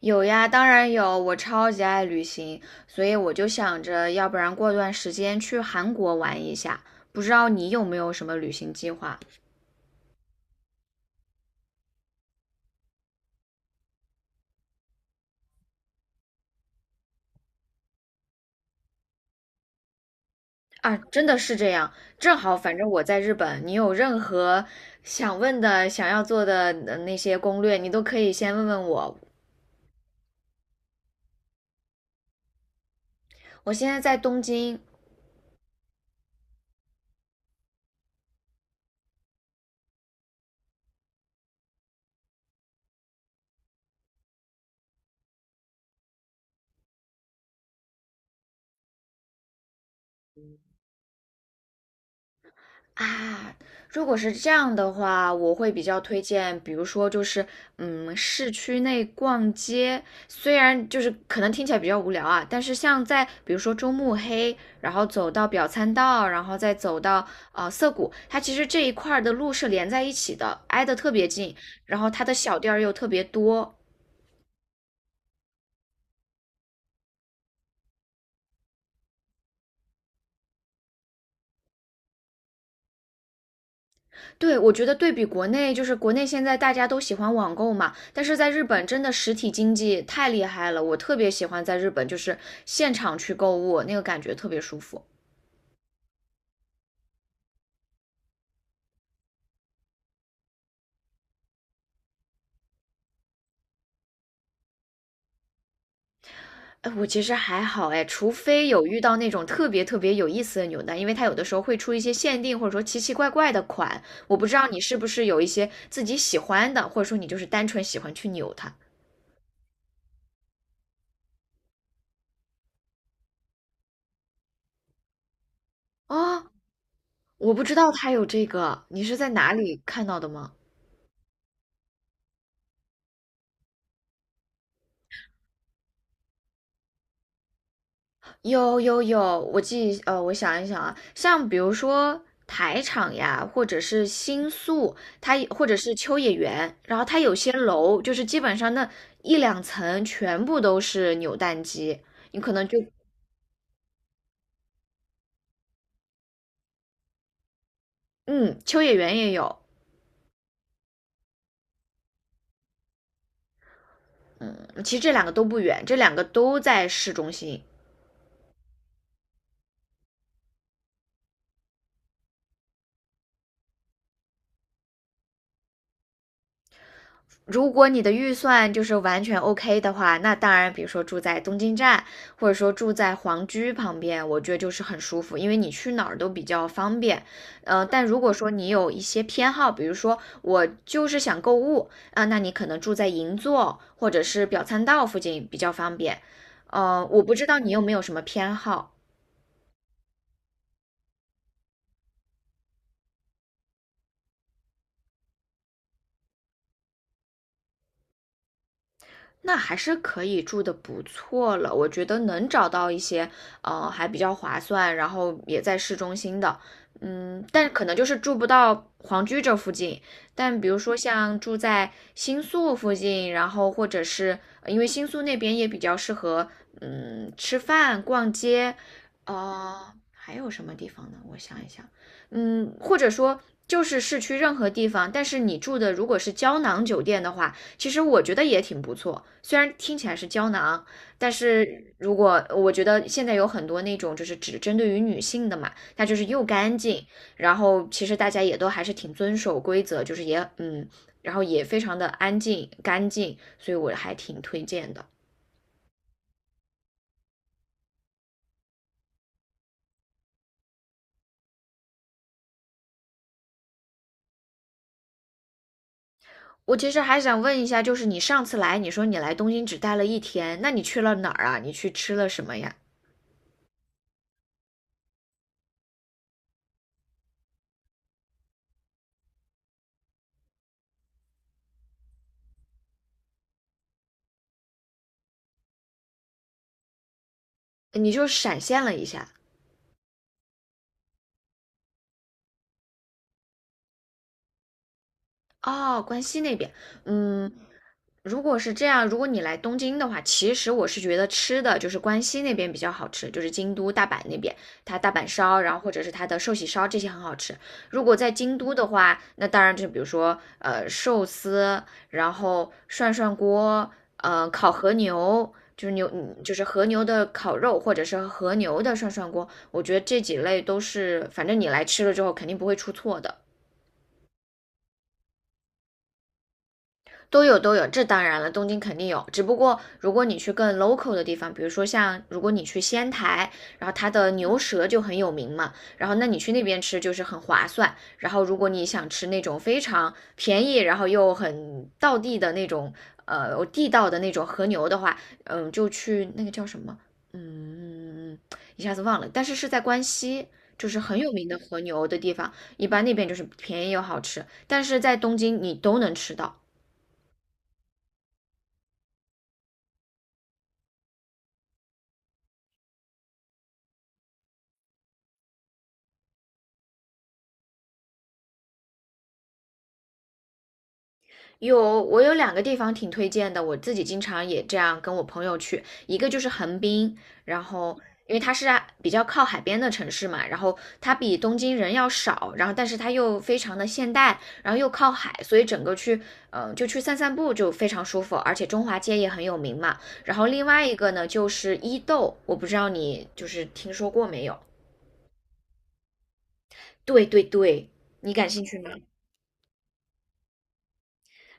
有呀，当然有，我超级爱旅行，所以我就想着，要不然过段时间去韩国玩一下。不知道你有没有什么旅行计划啊？真的是这样，正好，反正我在日本，你有任何想问的、想要做的那些攻略，你都可以先问问我。我现在在东京。啊，如果是这样的话，我会比较推荐，比如说就是，市区内逛街，虽然就是可能听起来比较无聊啊，但是像在比如说中目黑，然后走到表参道，然后再走到涩谷，它其实这一块儿的路是连在一起的，挨得特别近，然后它的小店儿又特别多。对，我觉得对比国内，就是国内现在大家都喜欢网购嘛，但是在日本真的实体经济太厉害了，我特别喜欢在日本就是现场去购物，那个感觉特别舒服。哎，我其实还好哎，除非有遇到那种特别特别有意思的扭蛋，因为它有的时候会出一些限定或者说奇奇怪怪的款，我不知道你是不是有一些自己喜欢的，或者说你就是单纯喜欢去扭它。哦，我不知道它有这个，你是在哪里看到的吗？有有有，我想一想啊，像比如说台场呀，或者是新宿，它也或者是秋叶原，然后它有些楼就是基本上那一两层全部都是扭蛋机，你可能就，嗯，秋叶原也有。嗯，其实这两个都不远，这两个都在市中心。如果你的预算就是完全 OK 的话，那当然，比如说住在东京站，或者说住在皇居旁边，我觉得就是很舒服，因为你去哪儿都比较方便。但如果说你有一些偏好，比如说我就是想购物啊，那你可能住在银座或者是表参道附近比较方便。我不知道你有没有什么偏好，那还是可以住的不错了。我觉得能找到一些还比较划算，然后也在市中心的。但是可能就是住不到皇居这附近，但比如说像住在新宿附近，然后或者是因为新宿那边也比较适合，吃饭、逛街。还有什么地方呢？我想一想。或者说就是市区任何地方，但是你住的如果是胶囊酒店的话，其实我觉得也挺不错，虽然听起来是胶囊，但是如果我觉得现在有很多那种就是只针对于女性的嘛。它就是又干净，然后其实大家也都还是挺遵守规则，就是也然后也非常的安静干净，所以我还挺推荐的。我其实还想问一下，就是你上次来，你说你来东京只待了1天，那你去了哪儿啊？你去吃了什么呀？你就闪现了一下。哦，关西那边。嗯，如果是这样，如果你来东京的话，其实我是觉得吃的就是关西那边比较好吃，就是京都、大阪那边，它大阪烧，然后或者是它的寿喜烧这些很好吃。如果在京都的话，那当然就是比如说寿司，然后涮涮锅，烤和牛，就是和牛的烤肉，或者是和牛的涮涮锅，我觉得这几类都是，反正你来吃了之后肯定不会出错的。都有都有，这当然了，东京肯定有。只不过如果你去更 local 的地方，比如说像如果你去仙台，然后它的牛舌就很有名嘛，然后那你去那边吃就是很划算。然后如果你想吃那种非常便宜，然后又很道地的那种，地道的那种和牛的话，嗯，就去那个叫什么，嗯，一下子忘了，但是是在关西。就是很有名的和牛的地方，一般那边就是便宜又好吃，但是在东京你都能吃到。有，我有两个地方挺推荐的，我自己经常也这样跟我朋友去，一个就是横滨，然后因为它是啊比较靠海边的城市嘛，然后它比东京人要少，然后但是它又非常的现代，然后又靠海，所以整个去，就去散散步就非常舒服，而且中华街也很有名嘛。然后另外一个呢就是伊豆，我不知道你就是听说过没有？对对对，你感兴趣吗？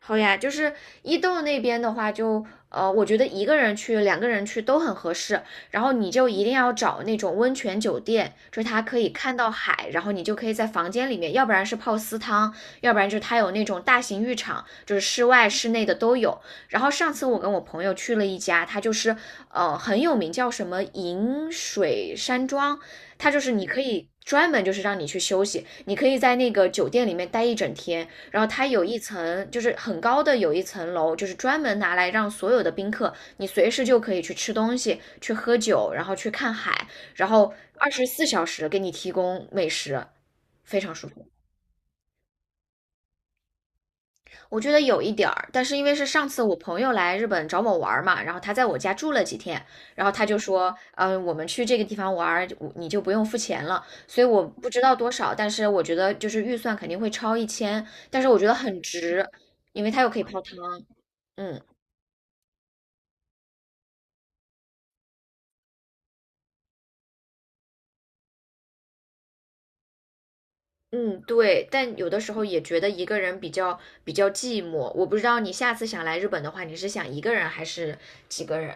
好呀，就是伊豆那边的话就，我觉得一个人去、两个人去都很合适。然后你就一定要找那种温泉酒店，就是它可以看到海，然后你就可以在房间里面，要不然是泡私汤，要不然就是它有那种大型浴场，就是室外、室内的都有。然后上次我跟我朋友去了一家，它就是很有名，叫什么银水山庄，它就是你可以。专门就是让你去休息，你可以在那个酒店里面待一整天，然后它有一层就是很高的有一层楼，就是专门拿来让所有的宾客，你随时就可以去吃东西、去喝酒，然后去看海，然后24小时给你提供美食。非常舒服。我觉得有一点儿，但是因为是上次我朋友来日本找我玩儿嘛，然后他在我家住了几天，然后他就说，嗯，我们去这个地方玩儿，你就不用付钱了，所以我不知道多少，但是我觉得就是预算肯定会超1000，但是我觉得很值，因为它又可以泡汤，嗯。嗯，对，但有的时候也觉得一个人比较寂寞。我不知道你下次想来日本的话，你是想一个人还是几个人？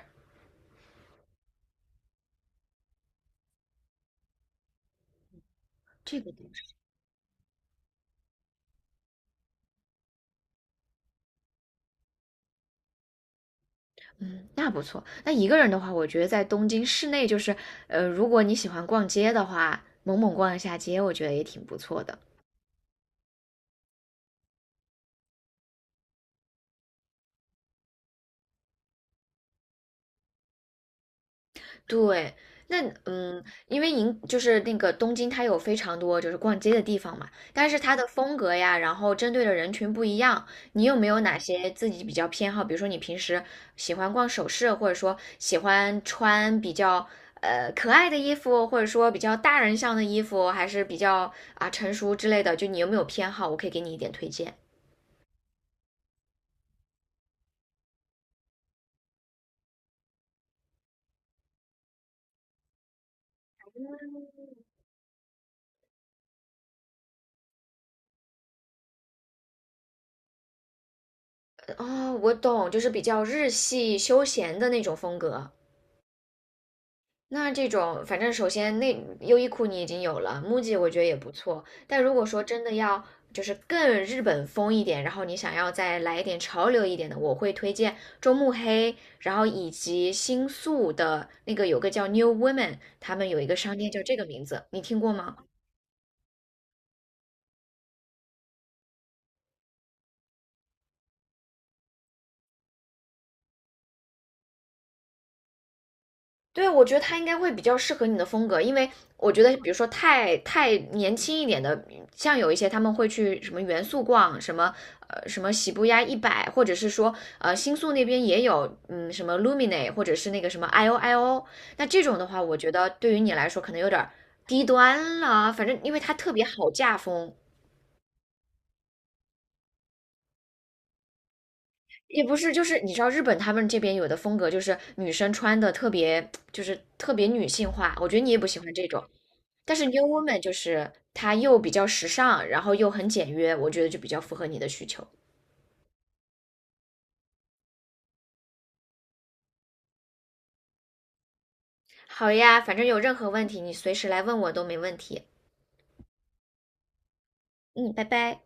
这个地方嗯，那不错。那一个人的话，我觉得在东京市内，就是如果你喜欢逛街的话，猛猛逛一下街，我觉得也挺不错的。对，那因为就是那个东京，它有非常多就是逛街的地方嘛，但是它的风格呀，然后针对的人群不一样。你有没有哪些自己比较偏好？比如说你平时喜欢逛首饰，或者说喜欢穿比较可爱的衣服，或者说比较大人向的衣服，还是比较成熟之类的？就你有没有偏好？我可以给你一点推荐。哦，我懂，就是比较日系休闲的那种风格。那这种，反正首先那优衣库你已经有了，MUJI 我觉得也不错。但如果说真的要就是更日本风一点，然后你想要再来一点潮流一点的，我会推荐中目黑，然后以及新宿的那个有个叫 New Women，他们有一个商店叫这个名字，你听过吗？对，我觉得他应该会比较适合你的风格，因为我觉得，比如说太年轻一点的，像有一些他们会去什么元素逛，什么什么喜布亚一百，或者是说新宿那边也有，嗯，什么 Lumine，或者是那个什么 I O I O，那这种的话，我觉得对于你来说可能有点儿低端了，反正因为它特别好嫁风。也不是，就是你知道日本他们这边有的风格，就是女生穿的特别，就是特别女性化。我觉得你也不喜欢这种，但是 New Woman 就是它又比较时尚，然后又很简约，我觉得就比较符合你的需求。好呀，反正有任何问题你随时来问我都没问题。嗯，拜拜。